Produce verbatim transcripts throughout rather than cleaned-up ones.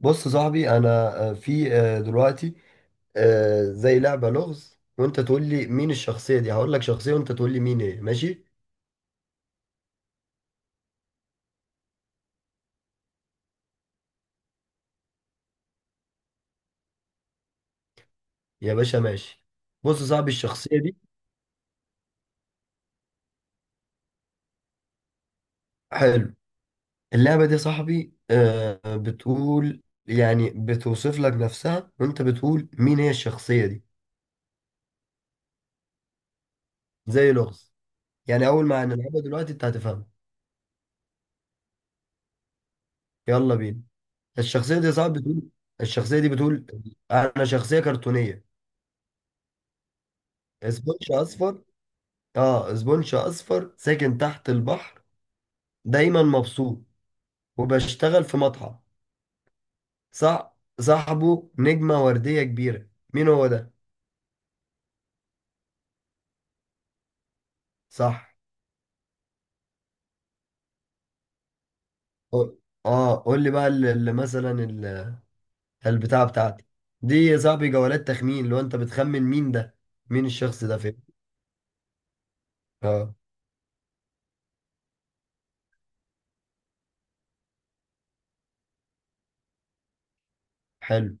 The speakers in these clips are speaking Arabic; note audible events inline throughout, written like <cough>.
بص يا صاحبي انا آه، في آه، دلوقتي آه، زي لعبة لغز. وانت تقول لي مين الشخصية دي، هقول لك شخصية وانت تقول لي مين. ايه، ماشي؟ يا باشا ماشي. بص يا صاحبي الشخصية دي. حلو. اللعبة دي يا صاحبي آه، بتقول، يعني بتوصف لك نفسها وانت بتقول مين هي الشخصية دي. زي لغز يعني. اول ما نلعبها دلوقتي انت هتفهمها. يلا بينا. الشخصية دي يا صاحبي بتقول. الشخصية دي بتقول: انا شخصية كرتونية. سبونج اصفر اه زبونش اصفر ساكن تحت البحر. دايما مبسوط وبشتغل في مطعم. صح. صاحبه نجمة وردية كبيرة. مين هو ده؟ صح. قول- اه قول لي بقى اللي اللي مثلا ال- البتاعة بتاعتي دي يا صاحبي جولات تخمين، لو انت بتخمن مين ده، مين الشخص ده، فين. اه. حلو.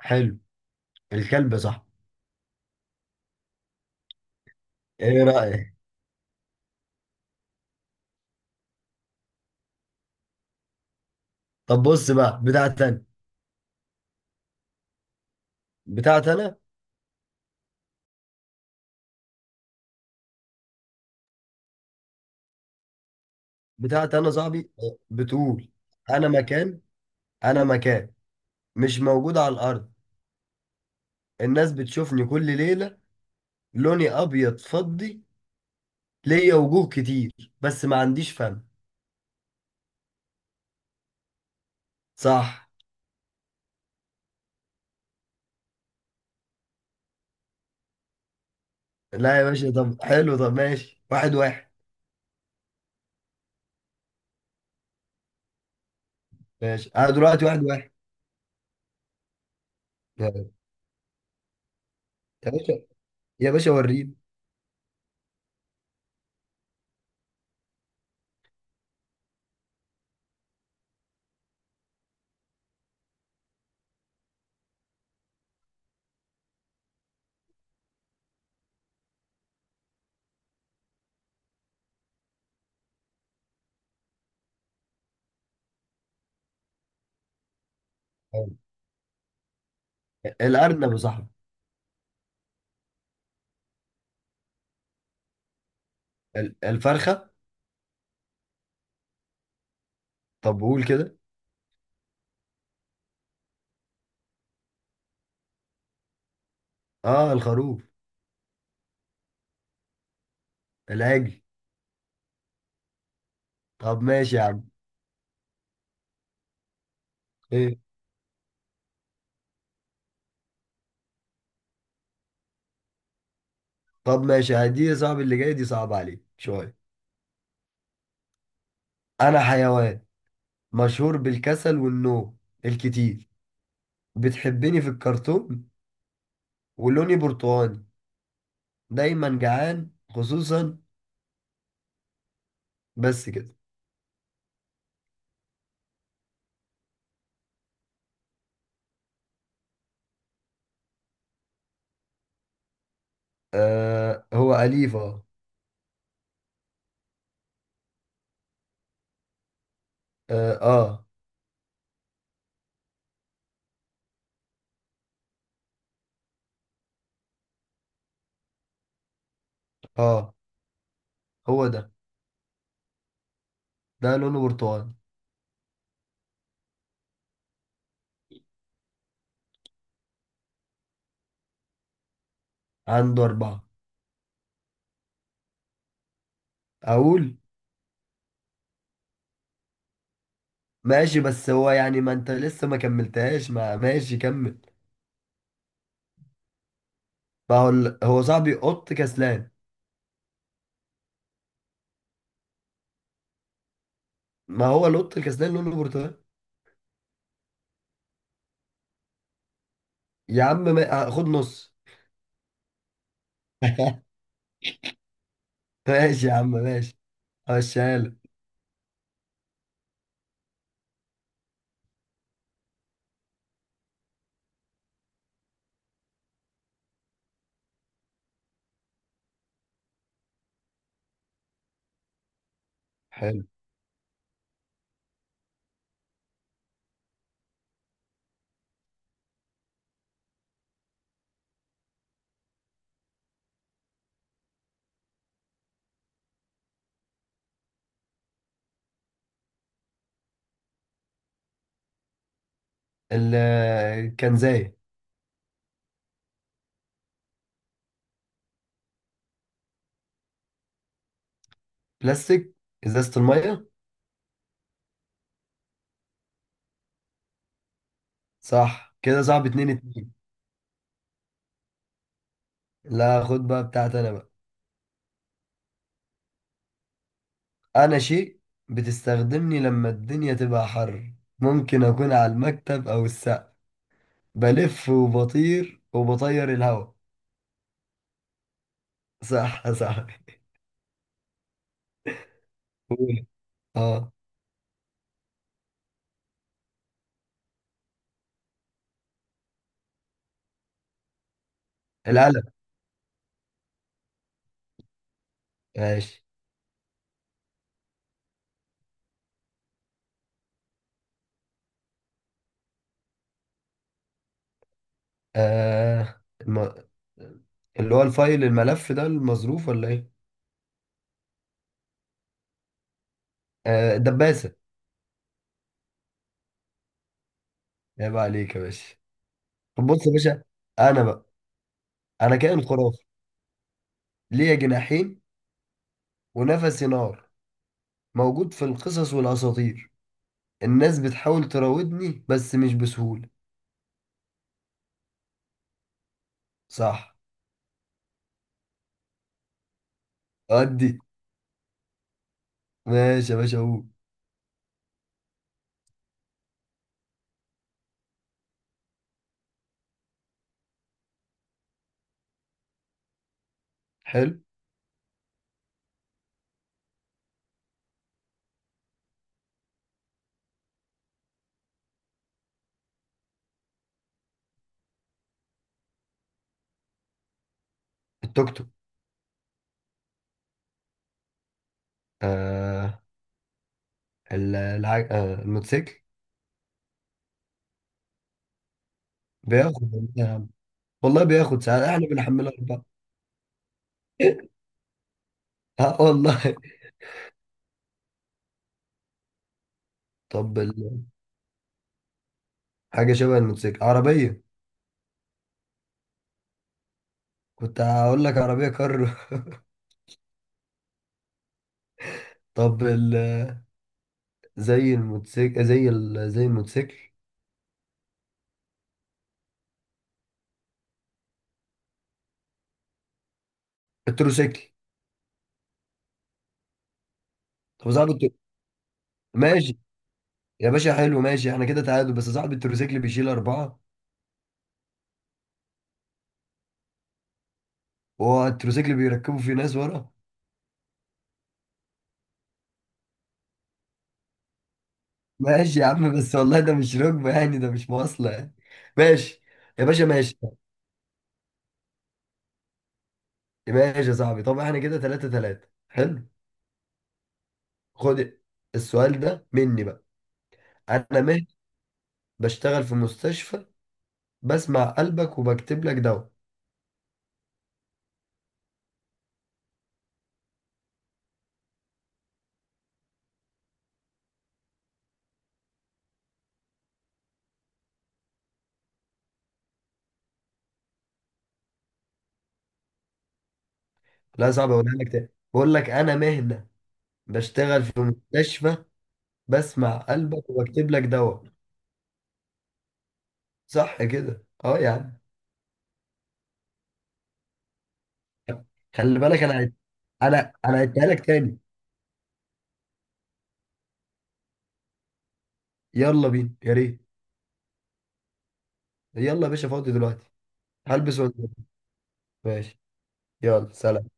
حلو. الكلب صح؟ ايه رأيك؟ طب بص بقى. بتاعت انا بتاعت انا بتاعت انا صاحبي آه، بتقول. انا مكان انا مكان مش موجود على الارض. الناس بتشوفني كل ليلة. لوني أبيض فضي. ليا وجوه كتير بس ما عنديش فم. صح. لا يا باشا، طب حلو، طب ماشي. واحد واحد. ماشي أنا دلوقتي واحد واحد. يا باشا، يا باشا وريني. الأرنب يا صاحبي. ال- الفرخة. طب قول كده. اه، الخروف. العجل. طب ماشي يا عم. ايه. طب ماشي، هدي يا صاحبي اللي جاي دي صعبة عليك شوية. أنا حيوان مشهور بالكسل والنوم الكتير. بتحبني في الكرتون ولوني برتقاني. دايما جعان، خصوصا. بس كده. آه، هو أليف. اه، اه، اه. آه، هو ده ده لونه برتقاني. عنده أربعة. أقول. ماشي، بس هو يعني ما أنت لسه ما كملتهاش. ما ماشي، كمل. ما هو ال- هو صاحبي قط كسلان. ما هو القط الكسلان لونه برتقاني. يا عم ما... خد نص. <laughs> ماشي يا عم ماشي. همشيها لك. حلو. ال- كان زي بلاستيك، ازازة المية. صح كده. صعب. اتنين اتنين. لا، خد بقى بتاعت انا بقى. انا شيء بتستخدمني لما الدنيا تبقى حر. ممكن اكون على المكتب او السقف. بلف وبطير وبطير الهوا. <laughs> صح، صح. قول. اه. القلم. ماشي. آه الم... اللي هو الفايل، الملف ده، المظروف ولا ايه؟ آه، الدباسة. عيب عليك يا باشا. طب بص يا باشا، انا بقى انا كائن خرافي. ليا جناحين ونفسي نار. موجود في القصص والأساطير. الناس بتحاول تراودني بس مش بسهولة. صح. أدي. ماشي يا باشا، أقول. حلو. التوك توك. آه ال- الع... آه الموتوسيكل. بياخد ولا إيه يا عم؟ والله بياخد، ساعات احنا بنحملها أربعة. <laughs> اه والله. طب ال... حاجة شبه الموتوسيكل، عربية. كنت هقول لك عربية كر <laughs> طب ال... زي الموتوسيكل، زي ال... زي الموتوسيكل. التروسيكل. طب صعب. الترو... ماشي يا باشا حلو. ماشي، احنا كده تعادل. بس صاحب التروسيكل بيشيل أربعة، وهو التروسيكل بيركبه في ناس ورا. ماشي يا عم بس والله ده مش ركبة يعني، ده مش مواصلة يعني. ماشي يا باشا، ماشي. ماشي يا صاحبي، طب احنا كده تلاتة تلاتة. حلو. خد السؤال ده مني بقى. أنا مهدي، بشتغل في مستشفى. بسمع قلبك وبكتب لك دواء. لا، صعب. أقولها لك تاني. بقول لك: أنا مهدي، بشتغل في مستشفى. بسمع قلبك وبكتب لك دواء. صح كده، اه يا عم. خلي بالك. انا عيد- انا انا هديها لك تاني. يلا بينا، يا ريت. يلا يا باشا، فاضي دلوقتي. هلبس وانزل. ماشي. يلا سلام.